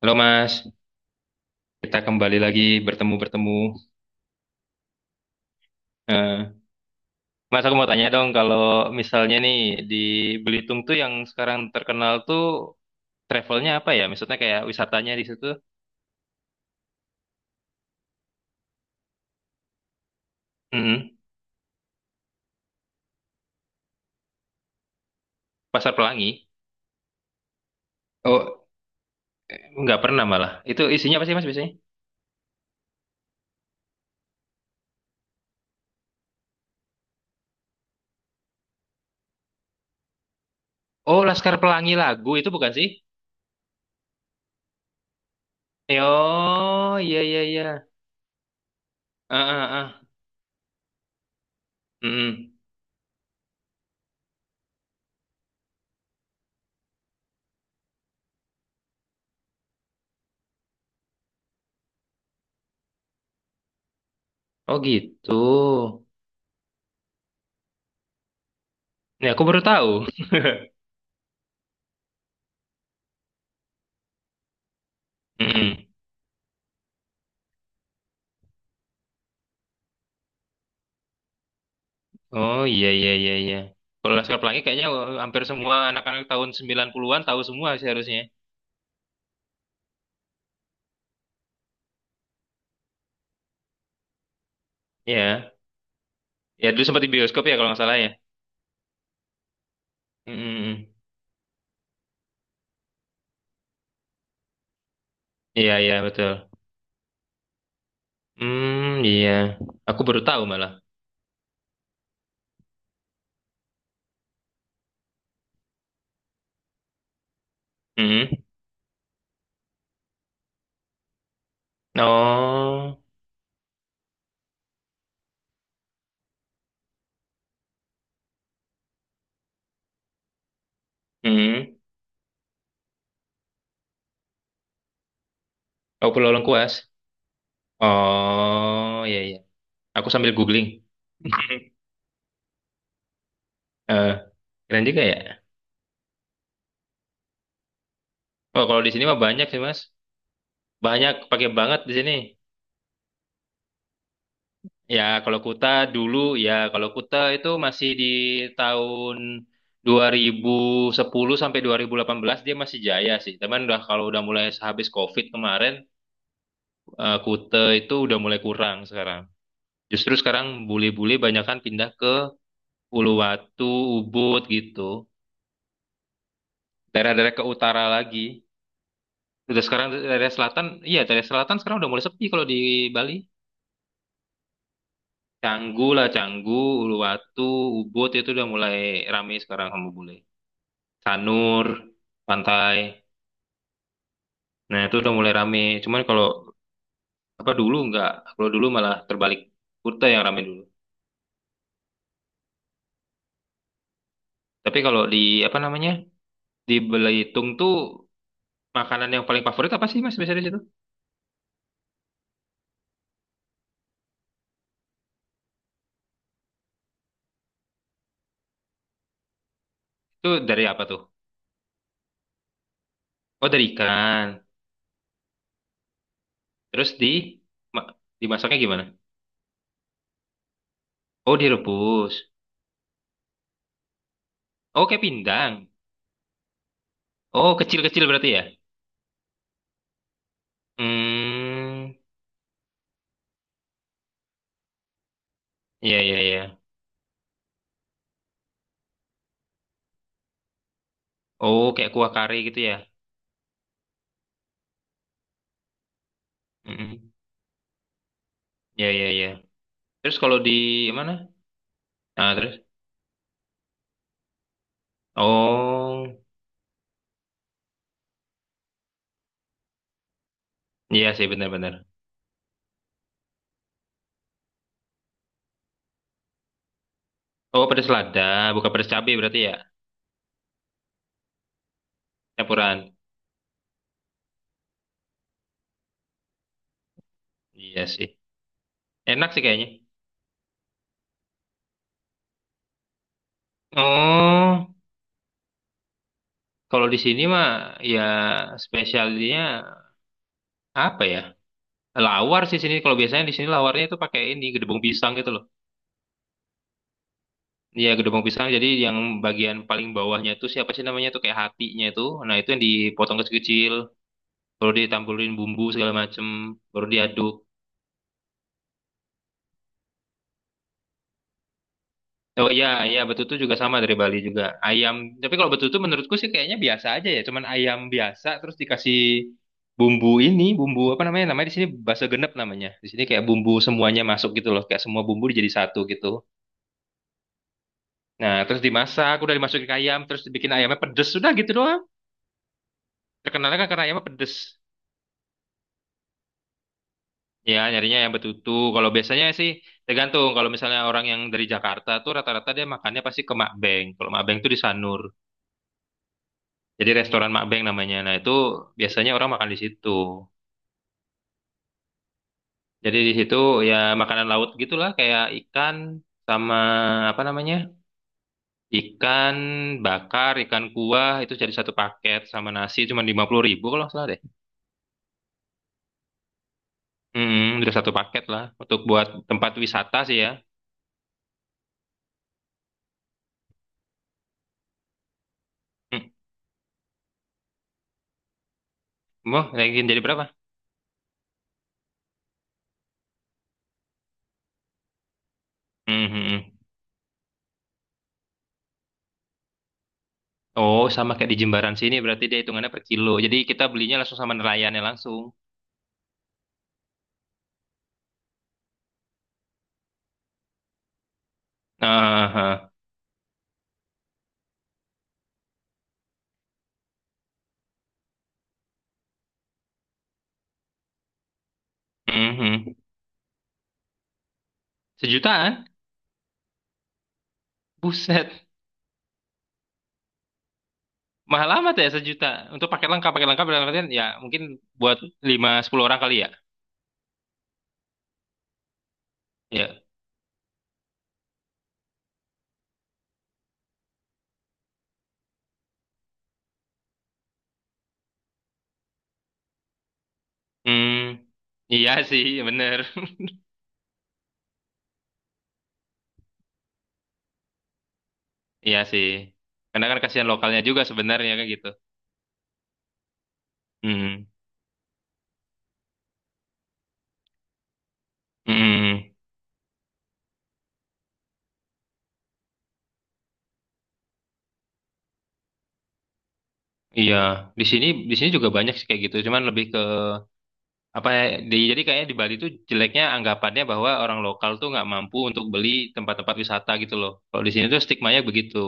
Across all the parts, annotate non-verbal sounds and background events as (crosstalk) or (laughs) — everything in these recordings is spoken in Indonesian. Halo Mas, kita kembali lagi bertemu-bertemu. Eh, Mas, aku mau tanya dong, kalau misalnya nih di Belitung tuh yang sekarang terkenal tuh travelnya apa ya? Maksudnya kayak wisatanya di situ? Mm-mm. Pasar Pelangi? Oh, nggak pernah malah. Itu isinya apa sih Mas biasanya? Oh, Laskar Pelangi lagu itu bukan sih? Oh, iya iya iya. Ah ah ah. Mm-mm. Oh gitu. Ya aku baru tahu. (laughs) Mm-mm. Oh iya iya iya iya. Kalau Laskar Pelangi kayaknya hampir semua anak-anak tahun 90-an tahu semua sih harusnya. Iya. Ya dulu sempat di bioskop ya kalau nggak salah ya. Mm, mm, mm. Iya iya betul. Hmm iya. Aku baru tahu malah. Mm. Oh. Mm. Oh Pulau Lengkuas. Oh iya iya. Aku sambil googling. (laughs) Eh, keren juga ya. Oh kalau di sini mah banyak sih Mas. Banyak pakai banget di sini. Ya, kalau Kuta dulu ya, kalau Kuta itu masih di tahun 2010 sampai 2018 dia masih jaya sih. Cuman udah kalau udah mulai habis COVID kemarin, Kuta itu udah mulai kurang sekarang. Justru sekarang bule-bule banyak kan pindah ke Uluwatu, Ubud gitu. Daerah-daerah ke utara lagi. Udah sekarang daerah selatan, iya daerah selatan sekarang udah mulai sepi kalau di Bali. Canggu lah, Canggu, Uluwatu, Ubud itu udah mulai rame sekarang sama bule. Sanur, pantai. Nah, itu udah mulai rame. Cuman kalau apa dulu nggak, kalau dulu malah terbalik Kuta yang rame dulu. Tapi kalau di apa namanya? Di Belitung tuh makanan yang paling favorit apa sih Mas biasanya di situ? Itu dari apa tuh? Oh, dari ikan. Terus di ma- dimasaknya gimana? Oh, direbus. Oh, kayak pindang. Oh, kecil-kecil berarti ya? Hmm. Ya ya ya. Oh, kayak kuah kari gitu ya. Mm-mm. Ya ya. Iya. Terus kalau di mana? Nah, terus? Oh, iya sih benar-benar. Oh, pedas lada, bukan pedas cabai berarti ya, campuran. Iya sih. Enak sih kayaknya. Oh, kalau di sini mah ya spesialnya apa ya? Lawar sih sini. Kalau biasanya di sini lawarnya itu pakai ini gedebong pisang gitu loh. Iya, gedebong pisang. Jadi yang bagian paling bawahnya itu siapa sih namanya tuh kayak hatinya itu. Nah, itu yang dipotong kecil-kecil, baru ditambulin bumbu segala macem, baru diaduk. Oh iya, iya betutu juga sama dari Bali juga. Ayam, tapi kalau betutu menurutku sih kayaknya biasa aja ya, cuman ayam biasa terus dikasih bumbu ini, bumbu apa namanya? Namanya di sini bahasa genep namanya. Di sini kayak bumbu semuanya masuk gitu loh, kayak semua bumbu jadi satu gitu. Nah, terus dimasak, udah dimasukin ke ayam, terus dibikin ayamnya pedes, sudah gitu doang. Terkenalnya kan karena ayamnya pedes. Ya, nyarinya yang betutu. Kalau biasanya sih tergantung. Kalau misalnya orang yang dari Jakarta tuh rata-rata dia makannya pasti ke Makbeng. Kalau Makbeng tuh di Sanur. Jadi restoran Makbeng namanya. Nah, itu biasanya orang makan di situ. Jadi di situ ya makanan laut gitulah kayak ikan sama apa namanya? Ikan bakar, ikan kuah itu jadi satu paket sama nasi cuma 50.000 kalau nggak salah deh. Hmm, udah satu paket lah untuk buat tempat wisata sih ya. Hmm, mau naikin jadi berapa? Hmm, hmm, hmm. Oh, sama kayak di Jimbaran sini berarti dia hitungannya per kilo. Jadi kita belinya langsung sama nelayannya langsung. Ah, ah, ah. Hmm, hmm. Sejutaan? Buset. Mahal amat ya sejuta. Untuk paket lengkap dalam artian ya mungkin buat 5 10 orang kali ya. Ya. Hmm, iya sih, bener. (laughs) Iya sih. Karena kan kasihan lokalnya juga sebenarnya kayak gitu. Hmm. Hmm. Iya, di sini juga banyak sih kayak gitu. Cuman lebih ke apa ya? Jadi kayaknya di Bali tuh jeleknya anggapannya bahwa orang lokal tuh nggak mampu untuk beli tempat-tempat wisata gitu loh. Kalau di sini tuh stigmanya begitu.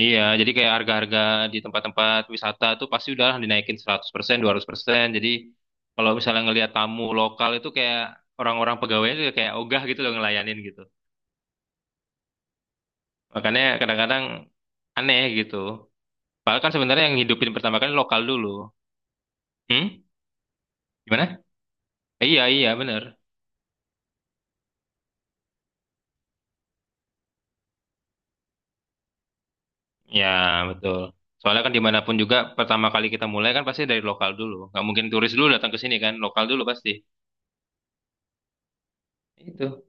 Iya, jadi kayak harga-harga di tempat-tempat wisata tuh pasti udah dinaikin 100%, 200%. Jadi kalau misalnya ngelihat tamu lokal itu kayak orang-orang pegawainya tuh kayak ogah gitu loh ngelayanin gitu. Makanya kadang-kadang aneh gitu. Padahal kan sebenarnya yang hidupin pertama kali lokal dulu. Hmm? Gimana? Iya, iya, bener. Ya, betul. Soalnya kan dimanapun juga pertama kali kita mulai kan pasti dari lokal dulu. Nggak mungkin turis dulu datang ke sini kan, lokal dulu pasti. Itu.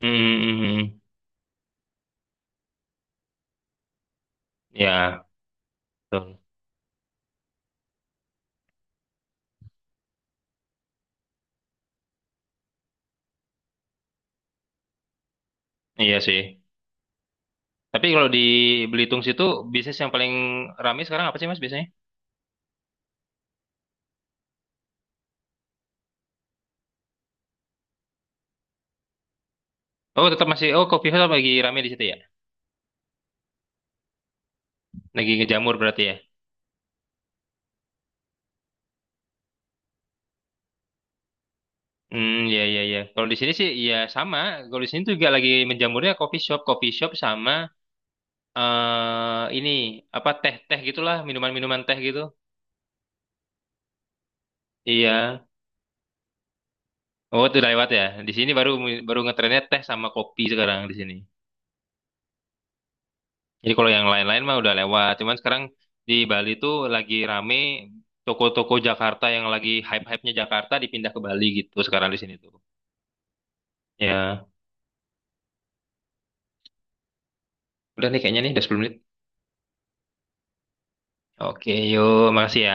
Hmm, hmm, hmm. Ya, betul. Iya sih. Tapi kalau di Belitung situ bisnis yang paling ramai sekarang apa sih Mas biasanya? Oh, tetap masih Coffee House lagi ramai di situ ya. Lagi ngejamur berarti ya. Hmm, ya ya ya. Kalau di sini sih ya sama. Kalau di sini juga lagi menjamurnya coffee shop sama ini apa teh-teh gitulah, minuman-minuman teh gitu. Iya. Oh, itu udah lewat ya. Di sini baru baru ngetrennya teh sama kopi sekarang di sini. Jadi kalau yang lain-lain mah udah lewat. Cuman sekarang di Bali tuh lagi rame toko-toko Jakarta yang lagi hype-hypenya Jakarta dipindah ke Bali gitu sekarang di sini tuh. Ya, udah nih kayaknya nih udah 10 menit. Oke, yuk. Makasih ya.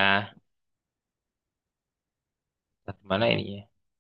Mana ini ya?